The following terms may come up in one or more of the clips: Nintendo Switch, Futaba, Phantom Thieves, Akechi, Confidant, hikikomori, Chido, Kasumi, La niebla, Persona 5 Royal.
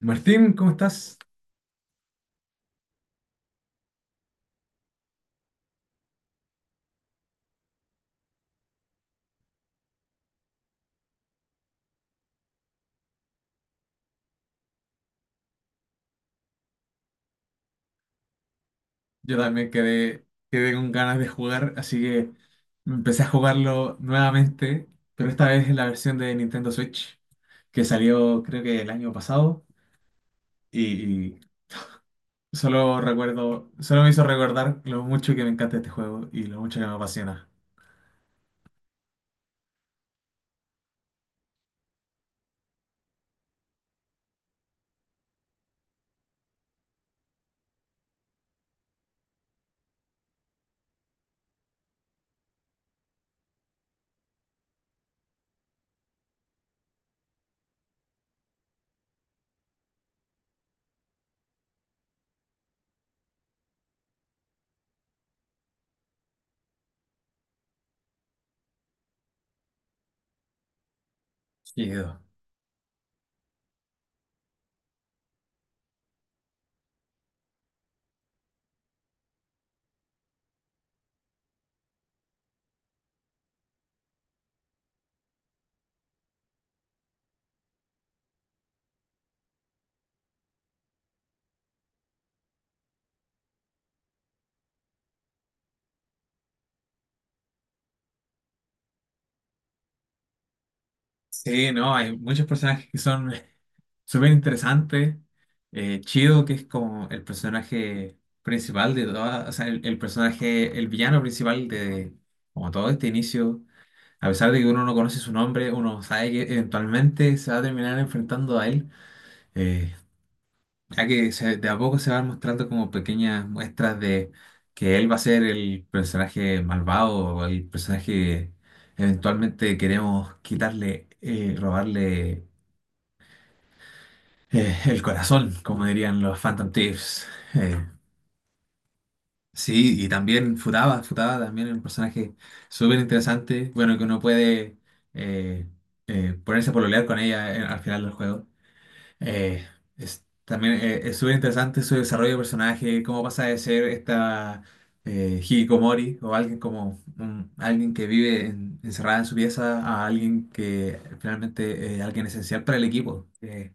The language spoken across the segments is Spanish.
Martín, ¿cómo estás? Yo también quedé, quedé con ganas de jugar, así que empecé a jugarlo nuevamente, pero esta vez en la versión de Nintendo Switch, que salió creo que el año pasado, y solo recuerdo, solo me hizo recordar lo mucho que me encanta este juego y lo mucho que me apasiona. Sí, sí, no, hay muchos personajes que son súper interesantes. Chido, que es como el personaje principal de todas, o sea, el personaje, el villano principal de como todo este inicio. A pesar de que uno no conoce su nombre, uno sabe que eventualmente se va a terminar enfrentando a él, eh, ya que de a poco se van mostrando como pequeñas muestras de que él va a ser el personaje malvado o el personaje que eventualmente queremos quitarle, robarle el corazón, como dirían los Phantom Thieves. Eh, sí, y también Futaba, Futaba también es un personaje súper interesante, bueno, que uno puede eh, ponerse a pololear con ella al final del juego. Eh, es, también es súper interesante su desarrollo de personaje, cómo pasa de ser esta hikikomori o alguien como alguien que vive encerrada en su pieza a alguien que finalmente es alguien esencial para el equipo.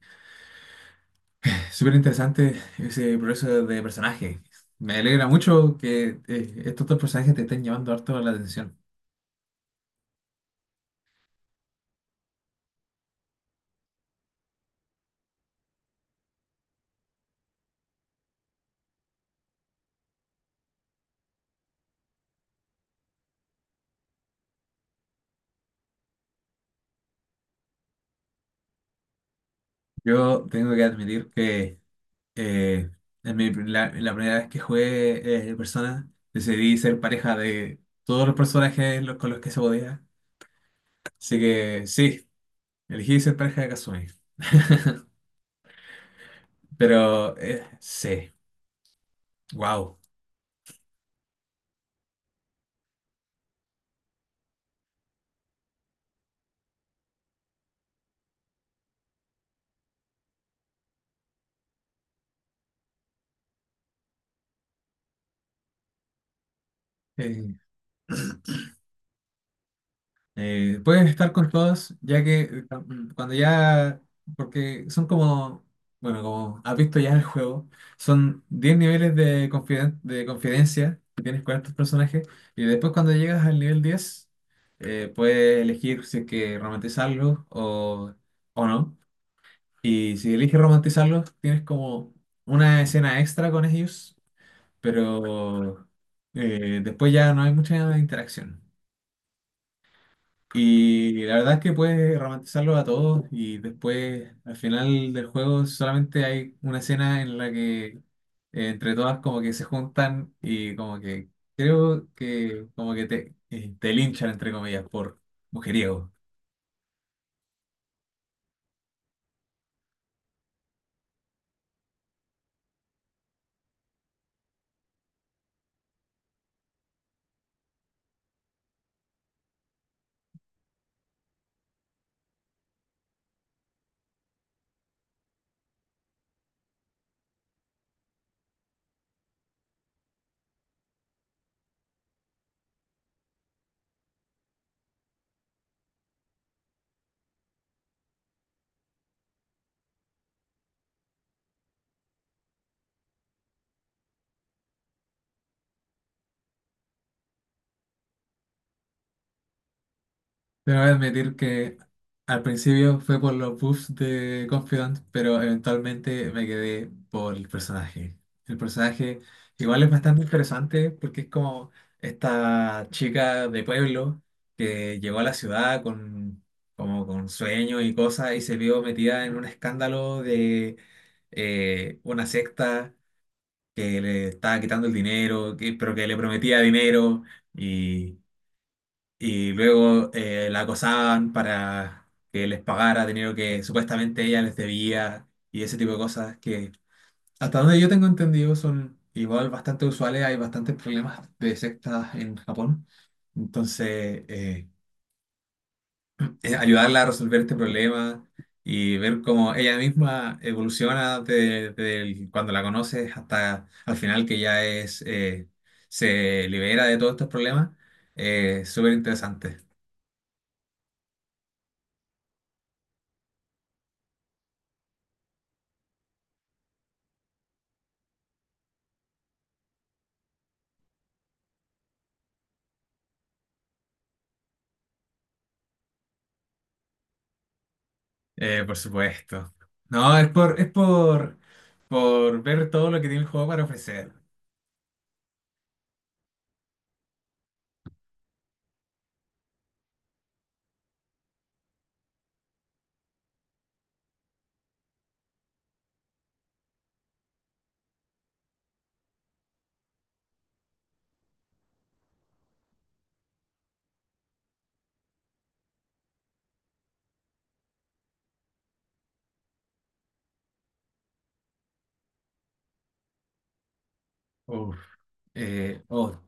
Súper interesante ese proceso de personaje. Me alegra mucho que estos dos personajes te estén llamando harto la atención. Yo tengo que admitir que eh, la primera vez que jugué Persona, decidí ser pareja de todos los personajes con los que se podía. Así que sí, elegí ser pareja de Kasumi. Pero sí, wow. Puedes estar con todos, ya que cuando ya, porque son como, bueno, como has visto ya el juego, son 10 niveles de, de confidencia que tienes con estos personajes, y después cuando llegas al nivel 10 puedes elegir si es que romantizarlos o no, y si eliges romantizarlos, tienes como una escena extra con ellos, pero después ya no hay mucha interacción. Y la verdad es que puedes romantizarlos a todos y después al final del juego solamente hay una escena en la que entre todas como que se juntan y como que creo que como que te, te linchan entre comillas por mujeriego. Te voy a admitir que al principio fue por los buffs de Confidant, pero eventualmente me quedé por el personaje. El personaje igual es bastante interesante porque es como esta chica de pueblo que llegó a la ciudad con, como con sueños y cosas y se vio metida en un escándalo de una secta que le estaba quitando el dinero, pero que le prometía dinero y... Y luego la acosaban para que les pagara dinero que supuestamente ella les debía y ese tipo de cosas que, hasta donde yo tengo entendido, son igual bastante usuales. Hay bastantes problemas de sectas en Japón. Entonces, ayudarla a resolver este problema y ver cómo ella misma evoluciona de, cuando la conoces hasta al final que ya es, se libera de todos estos problemas, es súper interesante. Por supuesto. No, es por ver todo lo que tiene el juego para ofrecer. Uf. Eh, oh,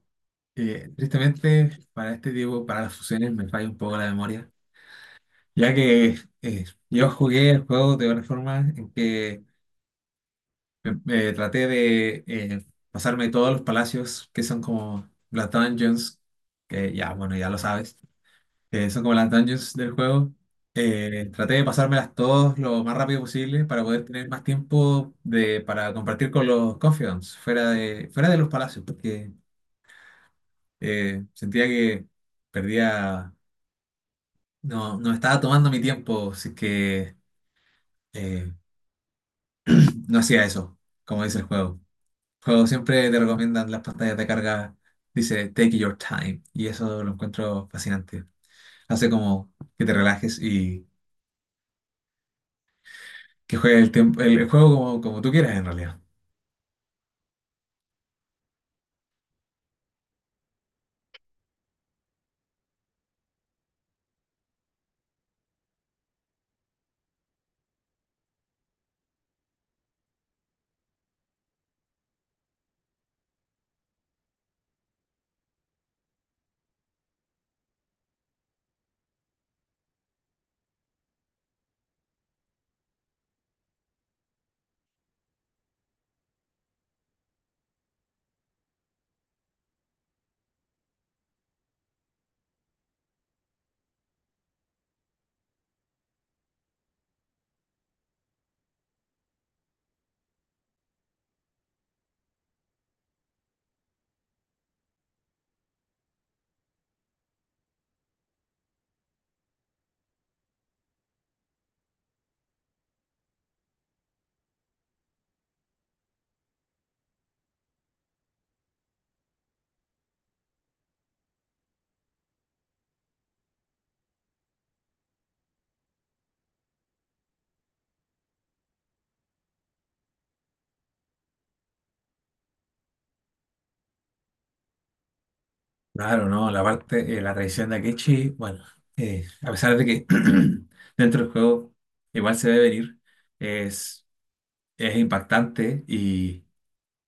tristemente, para este tipo, para las fusiones, me falla un poco la memoria. Ya que yo jugué el juego de una forma en que me traté de pasarme todos los palacios que son como las dungeons, que ya, bueno, ya lo sabes. Que son como las dungeons del juego. Traté de pasármelas todas lo más rápido posible para poder tener más tiempo de, para compartir con los confidants fuera de los palacios, porque sentía que perdía, no, no estaba tomando mi tiempo, así que eh, no hacía eso, como dice el juego. El juego siempre te recomiendan las pantallas de carga, dice take your time, y eso lo encuentro fascinante. Hace como que te relajes y que juegue el tiempo, el juego como, como tú quieras en realidad. Claro, no, la parte, la traición de Akechi, bueno, a pesar de que dentro del juego igual se ve venir, es, es impactante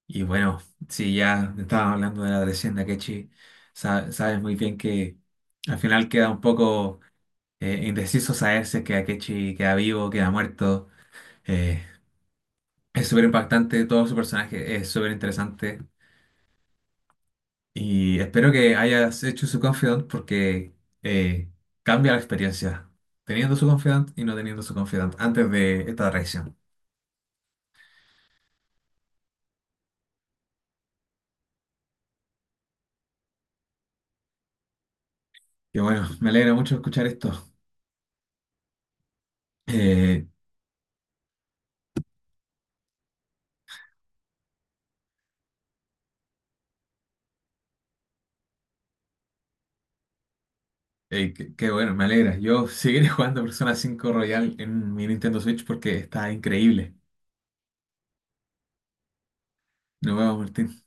y bueno, si ya estábamos hablando de la traición de Akechi, sabes muy bien que al final queda un poco indeciso saber si es que Akechi queda vivo, queda muerto. eh, es súper impactante, todo su personaje es súper interesante. Y espero que hayas hecho su confidant porque eh, cambia la experiencia teniendo su confidant y no teniendo su confidant antes de esta traición. Y bueno, me alegra mucho escuchar esto. Eh, qué, qué bueno, me alegra. Yo seguiré jugando Persona 5 Royal en mi Nintendo Switch porque está increíble. Nos vemos, Martín.